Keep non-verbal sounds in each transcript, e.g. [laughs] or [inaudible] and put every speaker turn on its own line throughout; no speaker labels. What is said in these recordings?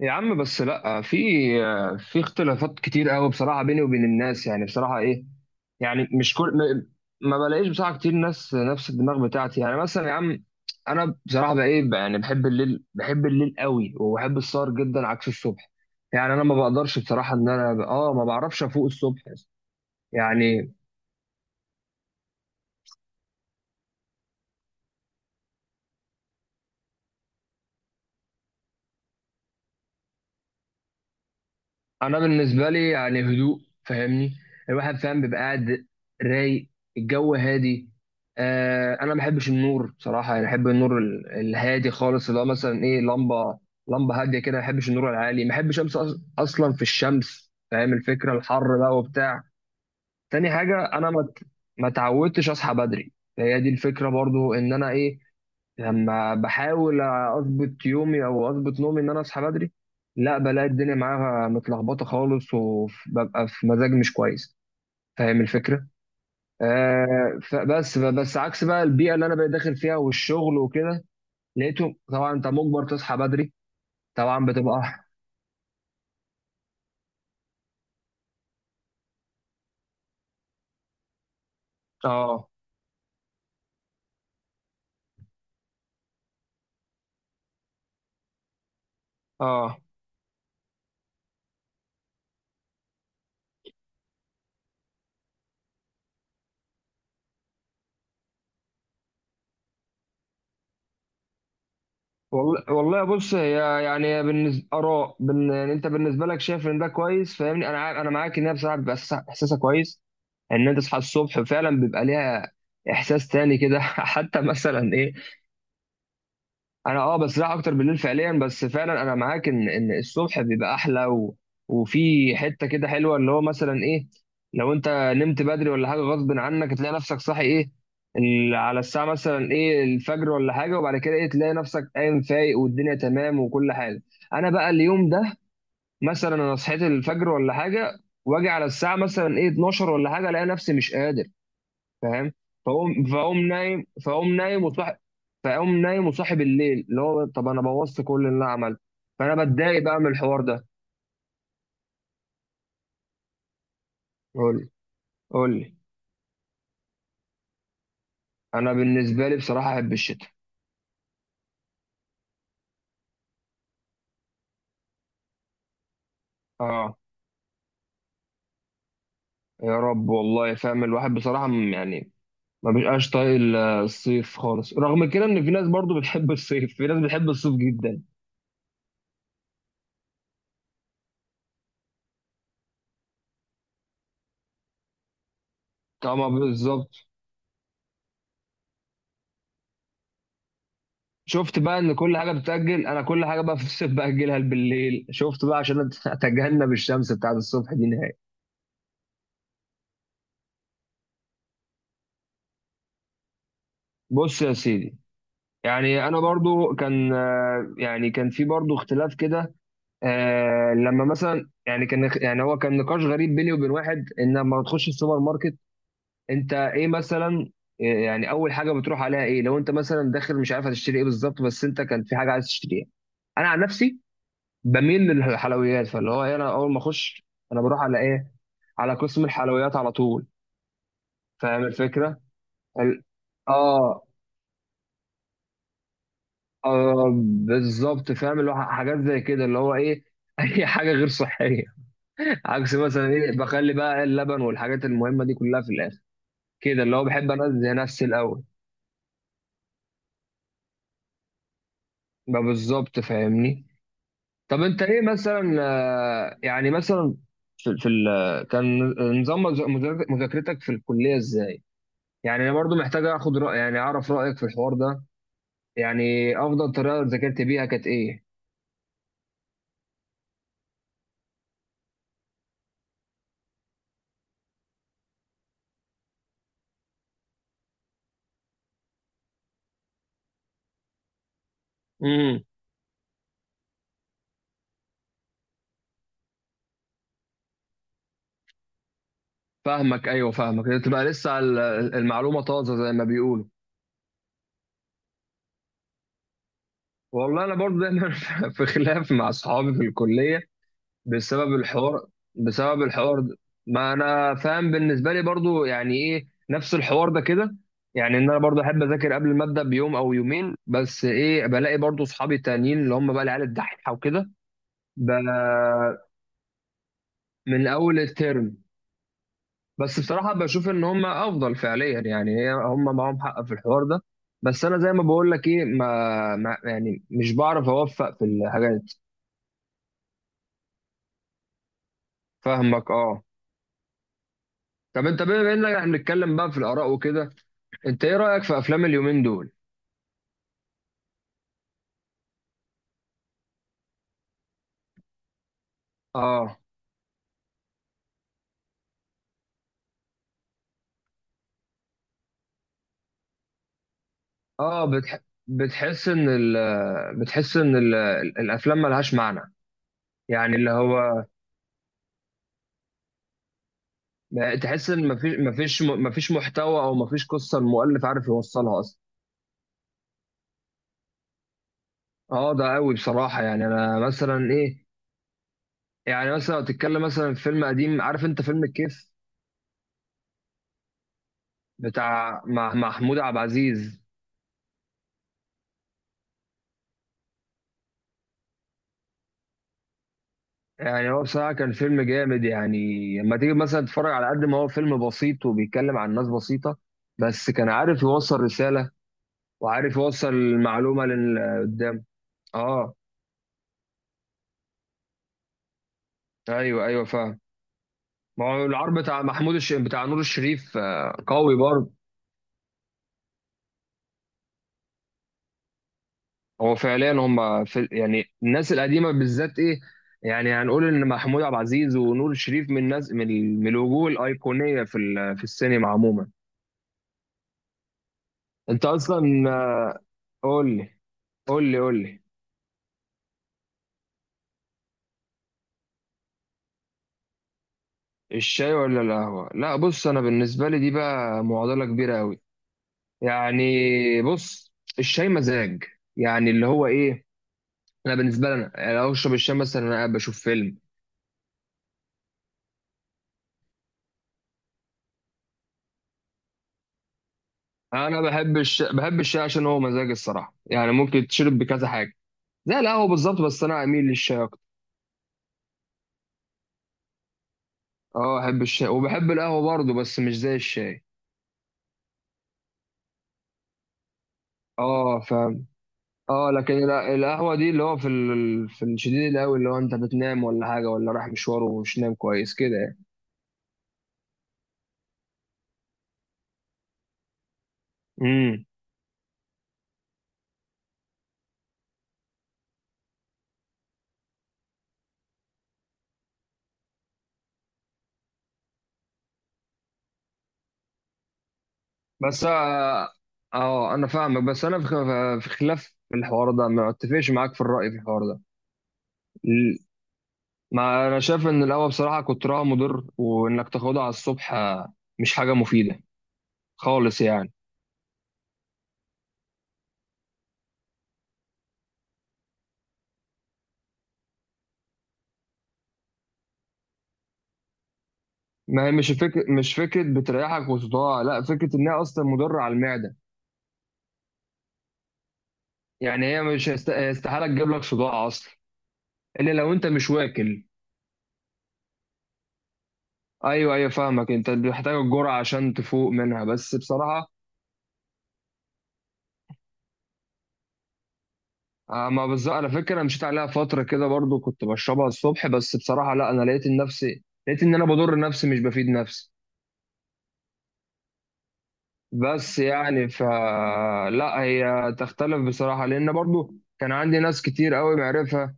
يا عم، بس لا في اختلافات كتير قوي بصراحه بيني وبين الناس. يعني بصراحه ايه، يعني مش كل ما بلاقيش بصراحه كتير ناس نفس الدماغ بتاعتي. يعني مثلا يا عم، انا بصراحه بقى ايه بقى، يعني بحب الليل، بحب الليل قوي، وبحب السهر جدا عكس الصبح. يعني انا ما بقدرش بصراحه ان انا ما بعرفش افوق الصبح. يعني انا بالنسبه لي يعني هدوء، فاهمني؟ الواحد فاهم بيبقى قاعد رايق، الجو هادي. آه، انا ما بحبش النور بصراحه، يعني بحب النور الهادي خالص، اللي هو مثلا ايه، لمبه، لمبه هاديه كده. ما بحبش النور العالي، ما بحبش امس اصلا في الشمس، فاهم الفكره، الحر بقى وبتاع. تاني حاجه انا ما اتعودتش اصحى بدري، هي دي الفكره برضو ان انا ايه، لما بحاول اظبط يومي او اظبط نومي ان انا اصحى بدري، لا بلاقي الدنيا معاها متلخبطه خالص، وببقى في مزاج مش كويس، فاهم الفكره. فبس، بس عكس بقى البيئه اللي انا بقيت داخل فيها والشغل وكده، لقيته طبعا انت مجبر تصحى بدري، طبعا بتبقى. [laughs] اه، اه والله، والله. بص، هي يعني بالنسبه اراء يعني انت بالنسبه لك شايف ان ده كويس، فاهمني، انا معاك ان هي بصراحه بيبقى إحساسها كويس ان انت تصحى الصبح، فعلا بيبقى ليها احساس تاني كده. [laughs] حتى مثلا ايه، انا اه بسرح اكتر بالليل فعليا، بس فعلا انا معاك ان الصبح بيبقى احلى وفي حته كده حلوه، اللي هو مثلا ايه، لو انت نمت بدري ولا حاجه غصب عنك، تلاقي نفسك صاحي ايه، على الساعه مثلا ايه الفجر ولا حاجه، وبعد كده ايه، تلاقي نفسك قايم فايق والدنيا تمام وكل حاجه. انا بقى اليوم ده، مثلا انا صحيت الفجر ولا حاجه، واجي على الساعه مثلا ايه 12 ولا حاجه، الاقي نفسي مش قادر، فاهم. فاقوم نايم، فاقوم نايم وصاحب الليل، اللي هو طب انا بوظت كل اللي انا عملته، فانا بتضايق بقى من الحوار ده. قول لي، قول لي. انا بالنسبه لي بصراحه احب الشتاء. اه، يا رب والله، فاهم الواحد بصراحه يعني ما بيبقاش طايق الصيف خالص، رغم كده ان في ناس برضو بتحب الصيف، في ناس بتحب الصيف جدا. طبعا بالظبط، شفت بقى ان كل حاجه بتتاجل، انا كل حاجه بقى في الصيف باجلها بالليل، شفت بقى عشان اتجنب الشمس بتاعت الصبح دي. بص يا سيدي، يعني انا برضو كان يعني كان في برضو اختلاف كده. لما مثلا يعني كان، يعني هو كان نقاش غريب بيني وبين واحد، ان لما تخش السوبر ماركت انت ايه مثلا، يعني اول حاجه بتروح عليها ايه، لو انت مثلا داخل مش عارف هتشتري ايه بالظبط، بس انت كان في حاجه عايز تشتريها. انا عن نفسي بميل للحلويات، فاللي هو إيه، انا اول ما اخش، انا بروح على ايه، على قسم الحلويات على طول. فاهم الفكره، ال- اه آه بالظبط فاهم، اللي هو حاجات زي كده، اللي هو ايه [laughs] اي حاجه غير صحيه [laughs] عكس مثلا ايه بخلي بقى اللبن والحاجات المهمه دي كلها في الاخر، كده اللي هو بحب انزه نفسي الاول. بقى بالظبط، فاهمني. طب انت ايه مثلا، يعني مثلا في كان نظام مذاكرتك في الكليه ازاي؟ يعني انا برضو محتاج اخد راي، يعني اعرف رايك في الحوار ده، يعني افضل طريقه ذاكرت بيها كانت ايه. فاهمك، ايوه فاهمك، تبقى لسه المعلومه طازه زي ما بيقولوا. والله انا برضه دايما [laughs] في خلاف مع اصحابي في الكليه بسبب الحوار، بسبب الحوار ده. ما انا فاهم، بالنسبه لي برضه يعني ايه، نفس الحوار ده كده، يعني ان انا برضه احب اذاكر قبل الماده بيوم او يومين، بس ايه، بلاقي برضه اصحابي التانيين اللي هم بقى العيال الدحيحه وكده، ب- من اول الترم. بس بصراحة بشوف إن هم أفضل فعليا، يعني هي هم معاهم حق في الحوار ده، بس أنا زي ما بقول لك إيه، ما, ما يعني مش بعرف أوفق في الحاجات. فاهمك أه. طب أنت بما إننا إحنا بنتكلم بقى في الآراء وكده، أنت إيه رأيك في أفلام اليومين دول؟ أه، أه، بتحس إن ال... بتحس إن ال... الأفلام ملهاش معنى، يعني اللي هو تحس إن مفيش محتوى، أو مفيش قصة المؤلف عارف يوصلها أصلا. اه ده قوي بصراحة، يعني انا مثلا ايه، يعني مثلا لو تتكلم مثلا في فيلم قديم، عارف انت فيلم الكيف، بتاع مع محمود عبد العزيز، يعني هو بصراحة كان فيلم جامد يعني، لما تيجي مثلا تتفرج على، قد ما هو فيلم بسيط وبيتكلم عن ناس بسيطة، بس كان عارف يوصل رسالة وعارف يوصل المعلومة للي قدام. اه، ايوه ايوه فاهم. ما هو العرض بتاع محمود بتاع نور الشريف قوي برضه. هو فعليا هم في، يعني الناس القديمه بالذات ايه، يعني هنقول ان محمود عبد العزيز ونور الشريف من الناس، من الوجوه الايقونيه في السينما عموما. انت اصلا، قول لي، قول لي، قول لي. الشاي ولا القهوه، لا بص انا بالنسبه لي دي بقى معضله كبيره قوي. يعني بص، الشاي مزاج، يعني اللي هو ايه، انا بالنسبه لي انا يعني لو اشرب الشاي مثلا انا قاعد بشوف فيلم. انا بحب الشاي، بحب الشاي عشان هو مزاج الصراحه، يعني ممكن تشرب بكذا حاجه زي القهوة بالظبط، بس أنا أميل للشاي أكتر. أه، أحب الشاي وبحب القهوة برضه، بس مش زي الشاي. أه فاهم، أه لكن القهوة دي اللي هو في الشديد القوي، اللي هو أنت بتنام ولا حاجة ولا رايح مشوار ومش نام كويس كده يعني. امم بس أه، أنا فاهمك، بس أنا في خلاف في الحوار ده، ما أتفقش معاك في الرأي في الحوار ده. ال- ما أنا شايف إن القهوة بصراحة كترها مضر، وإنك تاخدها على الصبح مش حاجة مفيدة خالص يعني. ما هي مش فكرة، مش فكرة بتريحك وصداع، لا، فكرة إن هي أصلا مضرة على المعدة. يعني هي مش استحالة تجيب لك صداع أصلا، إلا لو أنت مش واكل. أيوه أيوه فاهمك، أنت محتاج الجرعة عشان تفوق منها، بس بصراحة ما بالظبط، على فكرة أنا مشيت عليها فترة كده برضو كنت بشربها الصبح، بس بصراحة لا، أنا لقيت نفسي، لقيت إن أنا بضر نفسي، مش بفيد نفسي، بس يعني ف. لا، هي تختلف بصراحة، لأن برضو كان عندي ناس كتير قوي معرفة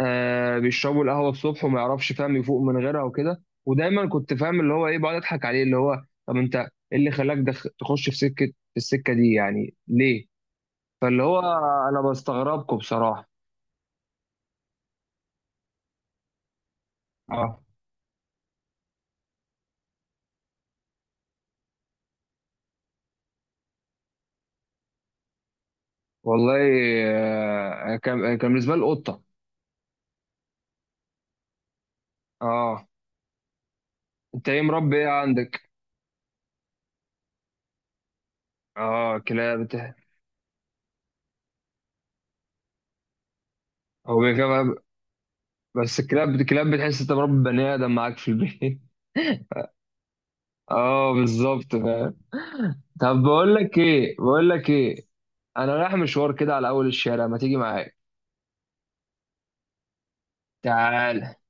آه بيشربوا القهوه الصبح وما يعرفش فاهم يفوق من غيرها وكده، ودايما كنت فاهم اللي هو ايه، بقعد اضحك عليه، اللي هو طب انت ايه اللي خلاك تخش في سكه، في السكه دي يعني ليه. فاللي هو انا بستغربكم بصراحه. اه والله، كان بالنسبه لي القطه. اه، انت ايه مربي ايه عندك؟ اه، هو بيكلم- بس الكلاب بتحس انت مربي بني ادم معاك في البيت. [laughs] اه بالظبط فاهم. طب بقول لك ايه، بقول لك ايه، انا رايح مشوار كده على اول الشارع، ما تيجي معايا؟ تعال.